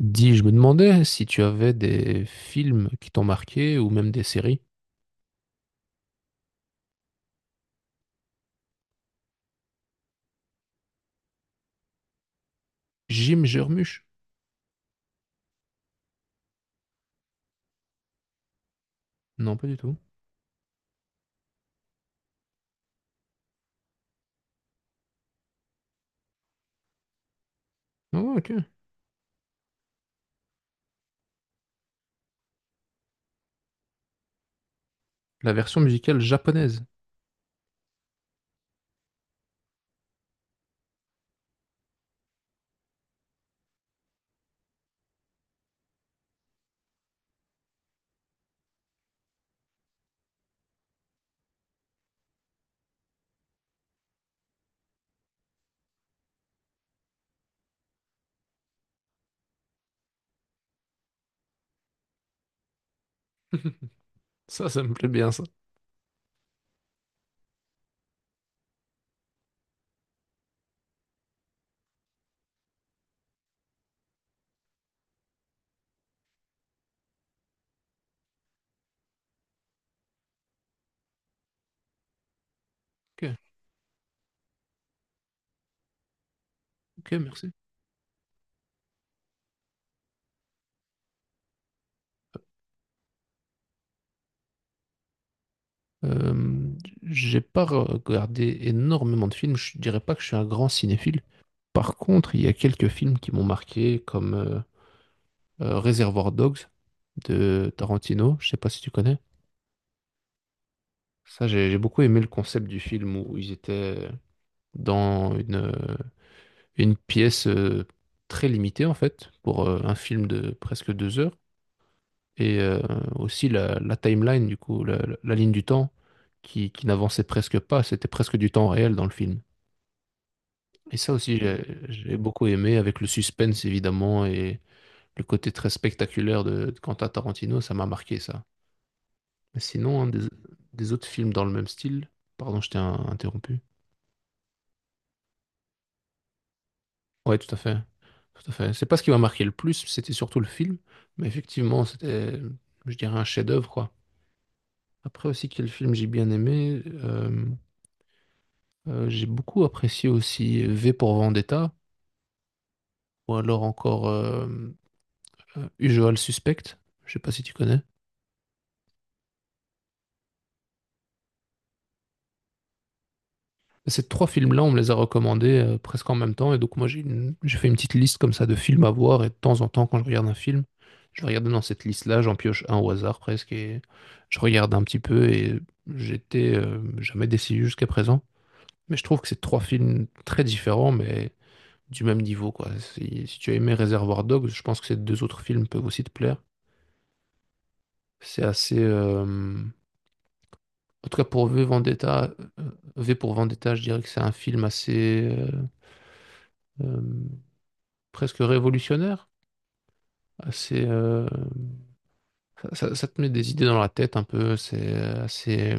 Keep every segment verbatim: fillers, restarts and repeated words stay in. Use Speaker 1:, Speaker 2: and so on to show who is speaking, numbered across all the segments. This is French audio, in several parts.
Speaker 1: Dis, je me demandais si tu avais des films qui t'ont marqué ou même des séries. Jim Jarmusch? Non, pas du tout. Oh, ok. La version musicale japonaise. Ça, ça me plaît bien, ça. Ok, ok, merci. Euh, j'ai pas regardé énormément de films. Je dirais pas que je suis un grand cinéphile. Par contre, il y a quelques films qui m'ont marqué, comme euh, euh, Reservoir Dogs de Tarantino. Je sais pas si tu connais. Ça, j'ai j'ai beaucoup aimé le concept du film où ils étaient dans une, euh, une pièce euh, très limitée en fait pour euh, un film de presque deux heures et euh, aussi la, la timeline du coup la, la- la ligne du temps qui, qui n'avançait presque pas, c'était presque du temps réel dans le film et ça aussi j'ai j'ai beaucoup aimé, avec le suspense évidemment, et le côté très spectaculaire de, de Quentin Tarantino, ça m'a marqué ça. Mais sinon hein, des, des autres films dans le même style, pardon je t'ai euh, interrompu. Ouais, tout à fait. Tout à fait. C'est pas ce qui m'a marqué le plus, c'était surtout le film. Mais effectivement, c'était, je dirais, un chef-d'œuvre, quoi. Après aussi, quel film j'ai bien aimé. Euh, euh, j'ai beaucoup apprécié aussi euh, V pour Vendetta, ou alors encore euh, euh, Usual Suspect. Je sais pas si tu connais. Ces trois films-là, on me les a recommandés euh, presque en même temps. Et donc, moi, j'ai une- j'ai fait une petite liste comme ça de films à voir. Et de temps en temps, quand je regarde un film, je vais regarder dans cette liste-là, j'en pioche un au hasard presque. Et je regarde un petit peu. Et j'étais euh, jamais déçu jusqu'à présent. Mais je trouve que c'est trois films très différents, mais du même niveau, quoi. Si, si tu as aimé Reservoir Dogs, je pense que ces deux autres films peuvent aussi te plaire. C'est assez. euh, En tout cas, pour V Vendetta, euh, V pour Vendetta, je dirais que c'est un film assez. euh, euh, presque révolutionnaire. Assez, euh, ça, ça- ça te met des idées dans la tête un peu. C'est assez.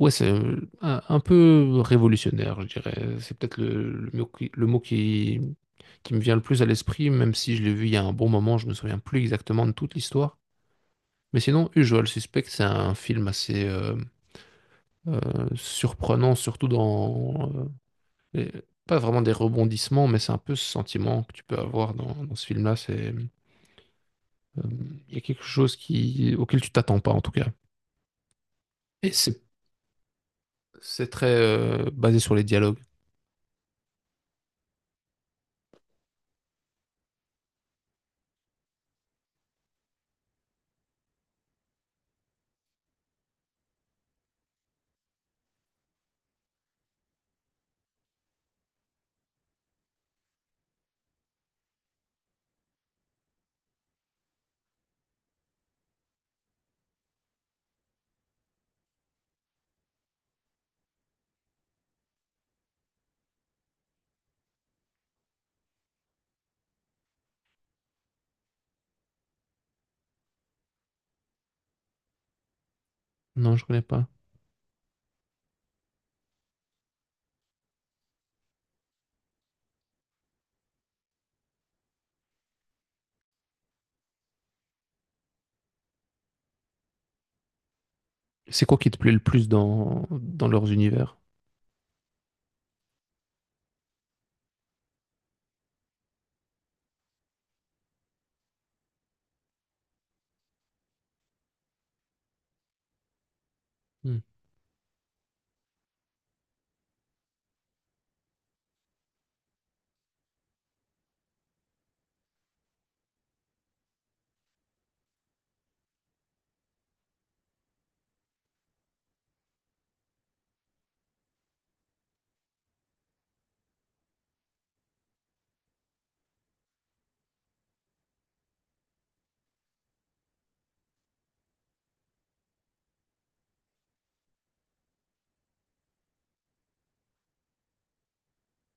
Speaker 1: Ouais, c'est euh, un, un peu révolutionnaire, je dirais. C'est peut-être le, le mot qui, le mot qui, qui me vient le plus à l'esprit, même si je l'ai vu il y a un bon moment, je me souviens plus exactement de toute l'histoire. Mais sinon, Usual Suspect, c'est un film assez euh, euh, surprenant, surtout dans... euh, les- pas vraiment des rebondissements, mais c'est un peu ce sentiment que tu peux avoir dans, dans ce film-là. C'est Euh, il y a quelque chose qui, auquel tu t'attends pas, en tout cas. Et c'est c'est très euh, basé sur les dialogues. Non, je connais pas. C'est quoi qui te plaît le plus dans, dans leurs univers? Hmm.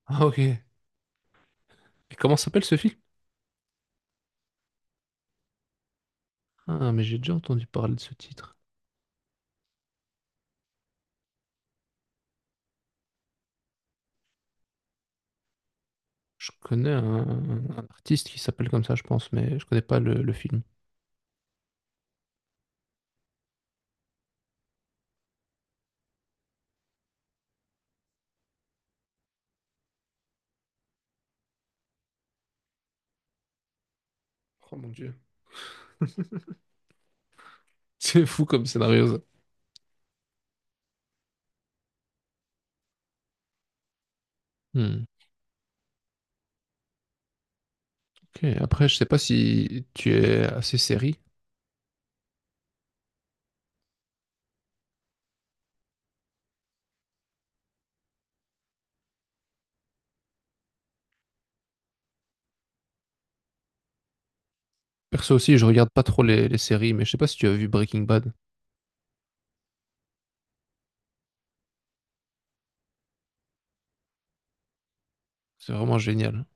Speaker 1: Ah, ok. Et comment s'appelle ce film? Ah, mais j'ai déjà entendu parler de ce titre. Je connais un, un artiste qui s'appelle comme ça, je pense, mais je connais pas le, le film. Oh mon Dieu. C'est fou comme scénario, ça. Hmm. Ok, après, je sais pas si tu es assez série. Perso aussi, je regarde pas trop les, les séries, mais je sais pas si tu as vu Breaking Bad. C'est vraiment génial.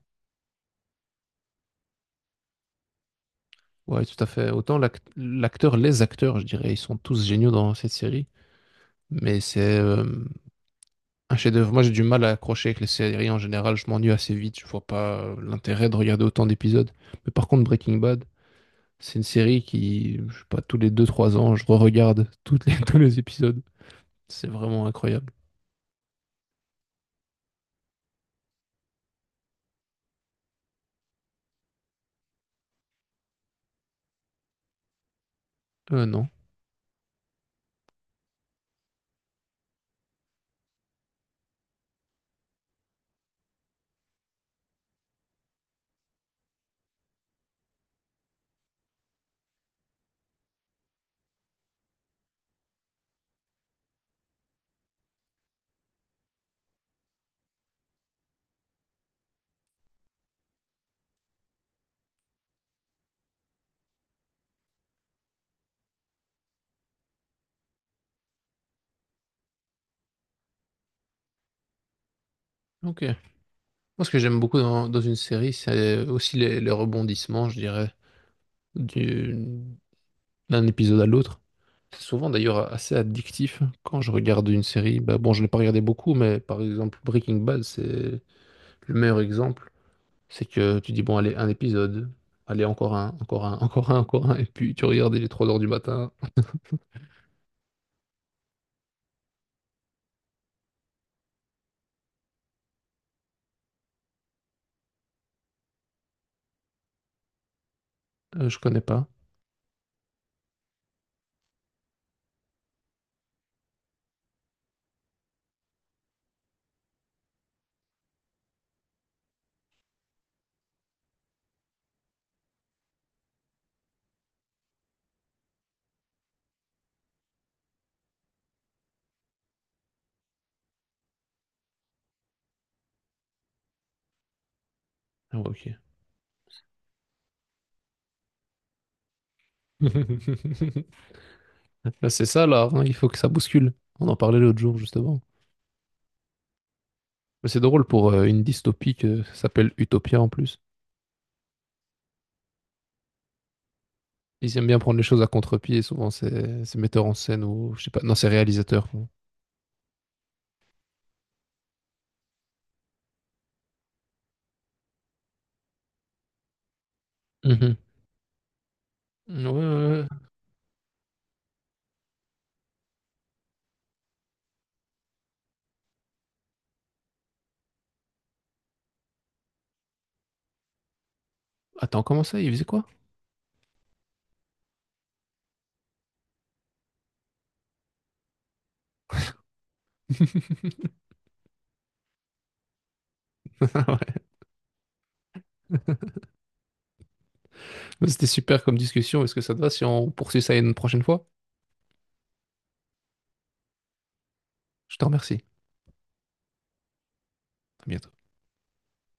Speaker 1: Ouais, tout à fait. Autant l'ac- l'acteur, les acteurs, je dirais, ils sont tous géniaux dans cette série. Mais c'est euh, un chef-d'œuvre. Moi, j'ai du mal à accrocher avec les séries en général. Je m'ennuie assez vite. Je vois pas euh, l'intérêt de regarder autant d'épisodes. Mais par contre, Breaking Bad, c'est une série qui, je sais pas, tous les deux trois ans, je re-regarde toutes les, tous les épisodes. C'est vraiment incroyable. Euh, non. Ok. Moi, ce que j'aime beaucoup dans, dans une série, c'est aussi les, les rebondissements, je dirais. Du- d'un épisode à l'autre. C'est souvent d'ailleurs assez addictif quand je regarde une série. Bah bon, je l'ai pas regardé beaucoup, mais par exemple Breaking Bad, c'est le meilleur exemple. C'est que tu dis, bon, allez, un épisode, allez, encore un, encore un, encore un, encore un, et puis tu regardes, il est trois heures du matin. Euh, je connais pas. Ah ouais, ok. Bah, c'est ça là, hein, il faut que ça bouscule. On en parlait l'autre jour justement. Mais c'est drôle pour euh, une dystopie que ça s'appelle Utopia en plus. Ils aiment bien prendre les choses à contre-pied, souvent c'est c'est metteur en scène ou je sais pas, non, c'est réalisateur. Mmh. Ouais, ouais, ouais. Attends, comment ça? Il faisait quoi? Ouais. C'était super comme discussion. Est-ce que ça te va si on poursuit ça une prochaine fois? Je te remercie. À bientôt.